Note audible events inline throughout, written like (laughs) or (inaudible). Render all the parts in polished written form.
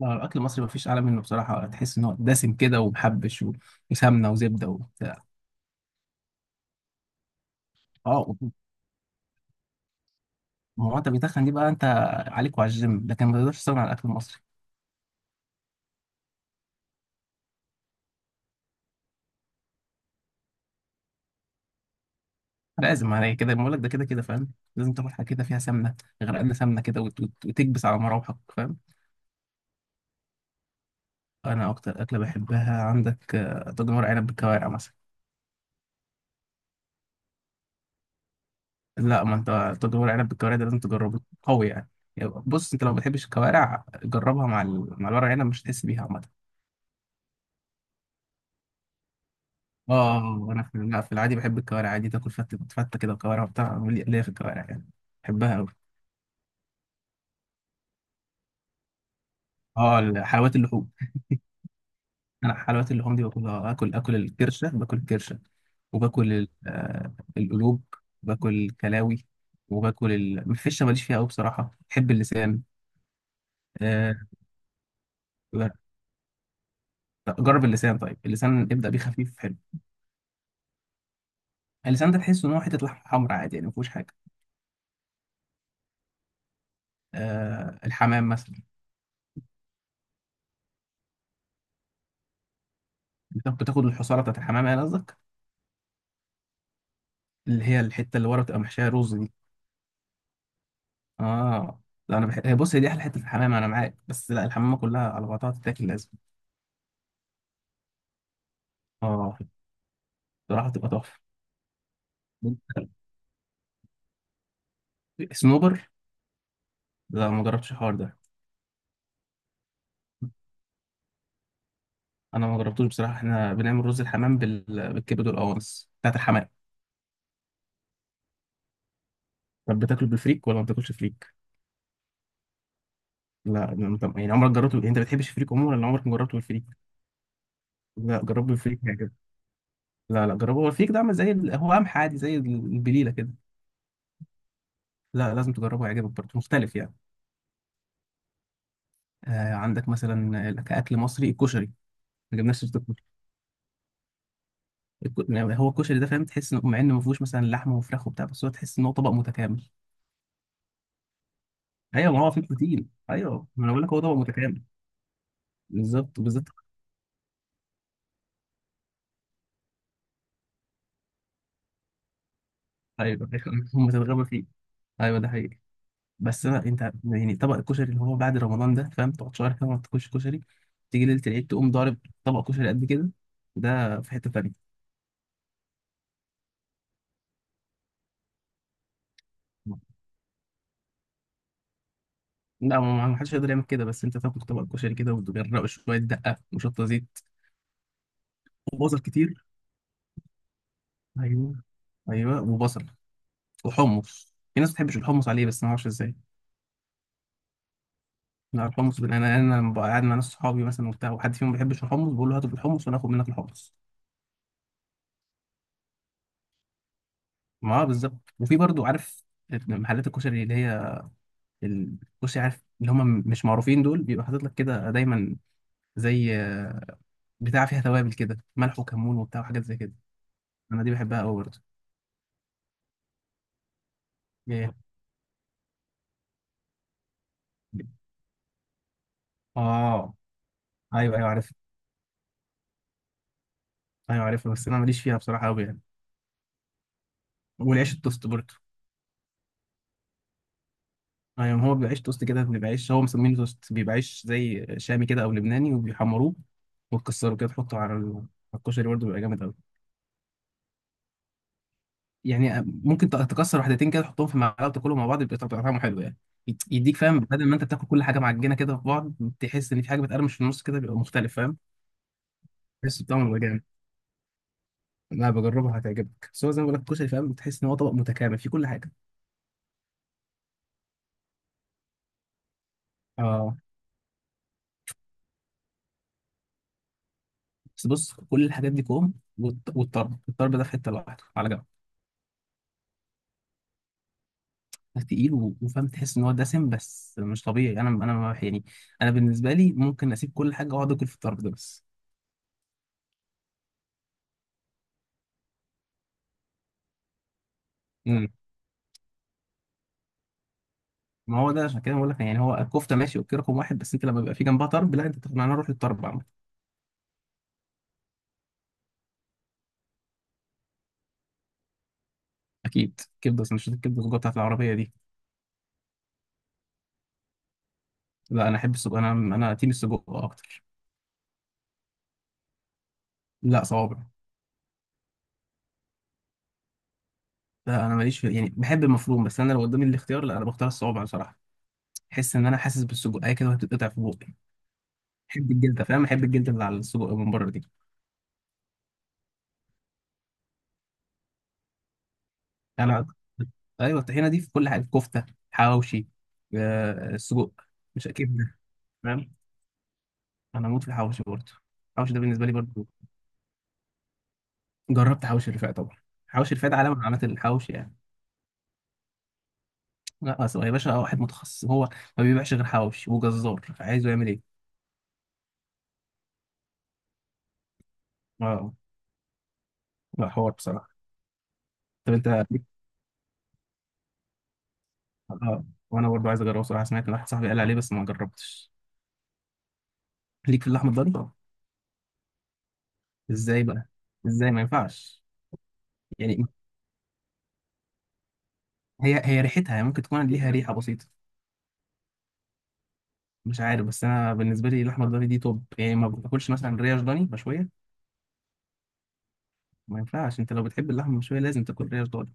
لا، الأكل المصري مفيش أعلى منه بصراحة. تحس إن هو دسم كده ومحبش وسمنة وزبدة وبتاع. أه، ما هو أنت بيتخن دي بقى. أنت عليك وعلى الجيم، لكن ما تقدرش تستغنى عن الأكل المصري. لازم عليك كده، بقول لك ده، كده كده فاهم، لازم تاكل حاجة كده فيها سمنة، غرقانة سمنة كده وتكبس على مراوحك، فاهم؟ أنا أكتر أكلة بحبها عندك طاجن ورق عنب بالكوارع مثلا. لا ما أنت، طاجن ورق عنب بالكوارع ده لازم تجربه قوي يعني. يعني بص، أنت لو ما بتحبش الكوارع جربها مع الورق عنب، مش هتحس بيها عامة. اه، انا لا، في العادي بحب الكوارع عادي. تاكل فته فته كده وكوارع وبتاع، ليا ليا في الكوارع يعني، بحبها قوي. اه، حلويات اللحوم. انا حلويات اللحوم دي باكلها، اكل الكرشه، باكل الكرشه وباكل القلوب، باكل الكلاوي، وباكل الفشه ماليش فيها قوي بصراحه، بحب اللسان. آه، لا، جرب اللسان طيب، اللسان ابدا بيه خفيف حلو. اللسان ده تحس ان هو حته لحمه حمراء عادي يعني، ما فيهوش حاجه. الحمام مثلا. بتاخد الحصاره بتاعت الحمام يعني قصدك؟ اللي هي الحته اللي ورا بتبقى محشيه رز دي. اه، لا، انا هي دي احلى حته في الحمام، انا معاك، بس لا، الحمامه كلها على بعضها تتاكل لازم. اه، بصراحه تبقى تحفه. سنوبر. لا، ما جربتش الحوار ده. انا ما جربتوش بصراحه، احنا بنعمل رز الحمام بالكبد والقوانص بتاعت الحمام. طب بتاكله بالفريك ولا ما بتاكلش فريك؟ لا، انت يعني عمرك جربته؟ انت بتحبش الفريك عموما ولا عمرك ما جربته بالفريك؟ لا جربه بالفريك هيعجبك. لا لا، جربه، هو الفريك ده عامل هو قمح عادي زي البليله كده. لا لازم تجربه هيعجبك، برضه مختلف يعني. عندك مثلا كأكل مصري الكشري. ما جبناش سيرة الكشري. يعني هو الكشري ده فاهم، تحس انه مع انه ما فيهوش مثلا لحمه وفراخ وبتاع، بس هو تحس ان هو طبق متكامل. ايوه، ما هو فيه بروتين، ايوه، ما انا بقول لك هو طبق متكامل. بالظبط بالظبط. ايوه (laughs) أيوة، هم تتغابى فيه. ايوه ده حقيقي. بس انت يعني طبق الكشري اللي هو بعد رمضان ده فاهم، تقعد شهر كده ما تاكلش كشري، تيجي ليله العيد تقوم ضارب طبق كشري قد كده، ده في حته تانيه. لا، ما حدش يقدر يعمل كده، بس انت تاكل طبق كشري كده وتغرقه شويه دقه وشطه زيت وبصل كتير. ايوه، ايوه وبصل. وحمص، في ناس ما بتحبش الحمص عليه، بس ما اعرفش ازاي. لا، الحمص انا لما ببقى قاعد مع ناس صحابي مثلا وبتاع، وحد فيهم ما بيحبش الحمص بقول له هاتوا بالحمص، وانا اخد منك الحمص. ما هو بالظبط. وفي برضو، عارف، محلات الكشري اللي هي الكشري، عارف اللي هم مش معروفين دول، بيبقى حاطط لك كده دايما زي بتاع فيها توابل كده، ملح وكمون وبتاع وحاجات زي كده. انا دي بحبها قوي برضه. ايه. اه. ايوه ايوه، عارف. ايوه عارفها، بس انا ماليش فيها بصراحه قوي يعني. والعيش التوست برضه. اه، يعني هو بيبقى عيش توست كده، بيبقى عيش هو مسمينه توست، بيبقى عيش زي شامي كده او لبناني، وبيحمروه وتكسره كده، تحطه على الكشري برضه، بيبقى جامد قوي. يعني ممكن تكسر واحدتين كده تحطهم في معلقه وتاكلهم مع بعض، بيبقى طعمه حلو يعني، يديك فاهم، بدل ما انت بتاكل كل حاجه معجنه كده في بعض، تحس ان في حاجه بتقرمش في النص كده، بيبقى مختلف فاهم، تحس بطعمه بيبقى جامد. لا بجربها هتعجبك، بس هو زي ما بقول لك الكشري فاهم، تحس ان هو طبق متكامل فيه كل حاجه. اه، بس بص كل الحاجات دي كوم والطرب. الطرب ده في حته لوحده على جنب. تقيل وفاهم، تحس ان هو دسم بس مش طبيعي. انا ما بح- يعني انا بالنسبه لي ممكن اسيب كل حاجه واقعد اكل في الطرب ده بس. امم. ما هو ده عشان كده بقول لك، يعني هو الكفته ماشي اوكي رقم واحد، بس انت لما بيبقى في جنبها طرب، لا انت تاخد معانا روح للطرب عامه. اكيد، كبده سندوتشات الكبده الجوه بتاعت العربيه دي. لا انا احب السجق، انا تيم السجق اكتر. لا صوابع. لا انا ماليش في، يعني بحب المفروم، بس انا لو قدامي الاختيار لا انا بختار الصوابع بصراحه. احس ان انا حاسس بالسجق اي كده، وهتتقطع في بوقي. احب الجلده فاهم، احب الجلده اللي على السجق من بره دي. يعني انا ايوه، الطحينه دي في كل حاجه، في كفته، حواوشي، سجق، مش كبده. تمام. انا اموت في الحواوشي برضه. الحواوشي ده بالنسبه لي برضه. جربت حواوشي الرفاعي طبعا، حواوشي الرفاعي ده علامه من علامات الحواوشي يعني. لا اصل هو يا باشا واحد متخصص هو، ما بيبيعش غير حواوشي، وجزار عايزه يعمل ايه. اه، لا، حوار بصراحه. طب انت اه، وانا برضه عايز اجربه بصراحه، سمعت ان واحد صاحبي قال عليه بس ما جربتش. ليك في اللحمه الضاني؟ ازاي بقى؟ ازاي ما ينفعش؟ يعني هي ريحتها يعني ممكن تكون ليها ريحه بسيطه. مش عارف، بس انا بالنسبه لي اللحمه الضاني دي توب يعني، ما باكلش مثلا ريش ضاني مشويه؟ ما ينفعش، انت لو بتحب اللحمه المشويه لازم تاكل ريش ضاني.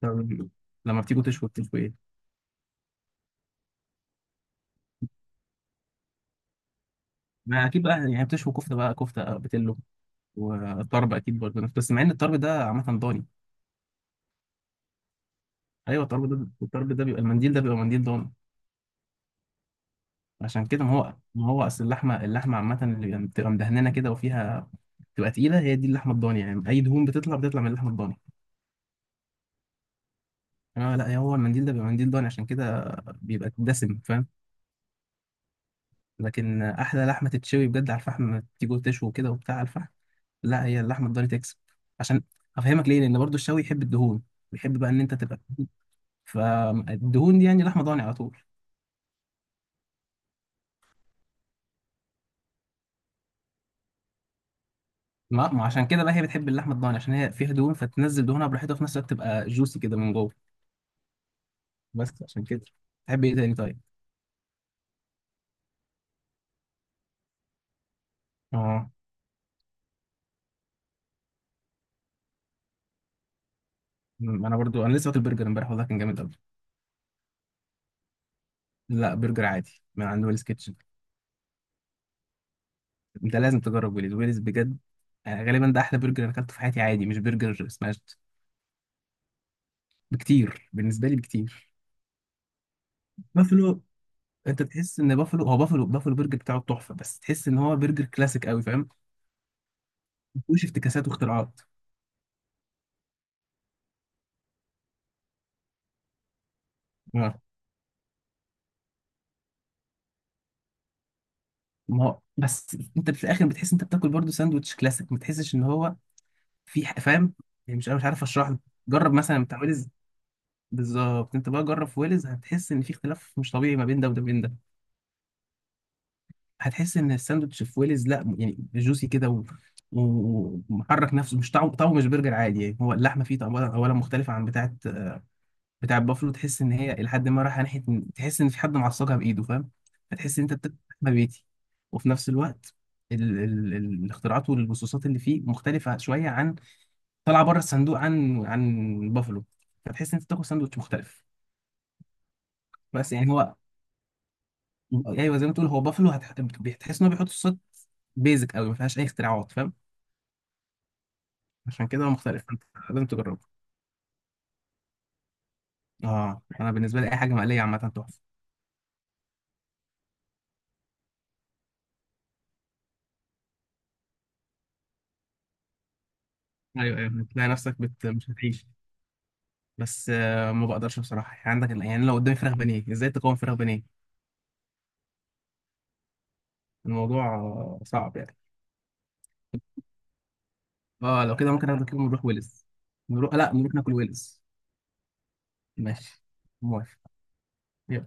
طب لما بتيجوا تشوي بتشوي ايه؟ ما اكيد بقى يعني بتشوي كفته بقى، كفته بتلو، والطرب اكيد برضه، بس مع ان الطرب ده عامه ضاني. ايوه الطرب ده بيبقى المنديل ده بيبقى منديل ضاني عشان كده. ما هو اصل اللحمه عامه اللي بتبقى مدهننه كده وفيها، تبقى تقيله، هي دي اللحمه الضاني يعني، اي دهون بتطلع من اللحمه الضاني. اه لا، هو المنديل ده بيبقى منديل ضاني عشان كده، بيبقى دسم فاهم. لكن احلى لحمه تتشوي بجد على الفحم، تيجي تشوي كده وبتاع على الفحم، لا هي اللحمه الضاني تكسب. عشان افهمك ليه، لان برضو الشوي يحب الدهون، بيحب بقى ان انت تبقى، فالدهون دي يعني لحمه ضاني على طول. ما عشان كده بقى هي بتحب اللحمه الضاني، عشان هي فيها دهون فتنزل دهونها براحتها، وفي نفس الوقت تبقى جوسي كده من جوه. بس عشان كده. تحب ايه تاني طيب؟ اه، انا برضو، لسه واكل برجر امبارح والله كان جامد قوي. لا برجر عادي من عند ويلز كيتشن. انت لازم تجرب ويلز، ويلز بجد، يعني غالبا ده احلى برجر انا اكلته في حياتي، عادي مش برجر سماش. بكتير بالنسبه لي بكتير. بافلو. انت تحس ان بافلو هو بافلو برجر بتاعه تحفه، بس تحس ان هو برجر كلاسيك قوي فاهم، ما فيهوش افتكاسات واختراعات. آه. ما هو بس انت في الاخر بتحس انت بتاكل برضه ساندوتش كلاسيك، ما تحسش ان هو فاهم، يعني مش عارف اشرح لك. جرب مثلا بتاع ويلز. بالظبط، انت بقى جرب في ويلز هتحس ان في اختلاف مش طبيعي ما بين ده وده، بين ده. هتحس ان الساندوتش في ويلز، لا يعني جوسي كده ومحرك نفسه، مش طعمه، طعمه مش برجر عادي يعني، هو اللحمه فيه طبعا اولا مختلفه عن بتاعه، بتاع بافلو. تحس ان هي لحد ما رايحه ناحيه تحس ان في حد معصقها بايده فاهم، فتحس ان انت بتاكل لحمه بيتي. وفي نفس الوقت، ال ال ال الاختراعات والبصوصات اللي فيه مختلفه شويه عن، طالعه بره الصندوق، عن بافلو، فتحس ان انت بتاكل ساندوتش مختلف. بس يعني هو، ايوه زي ما تقول هو بافلو، بتحس ان هو بيحط صوصات بيزك قوي، ما فيهاش اي اختراعات فاهم. عشان كده هو مختلف، فانت لازم تجربه. اه، انا بالنسبه لي اي حاجه مقليه عامه تحفه. ايوه ايوه بتلاقي نفسك مش هتعيش. بس ما بقدرش بصراحة يعني، عندك يعني لو قدامي فراخ بانيه ازاي تقاوم فراخ بانيه، الموضوع صعب يعني. اه لو كده ممكن اخدك يوم نروح ويلز، نروح، لا نروح ناكل ويلز. ماشي، موافق، يلا.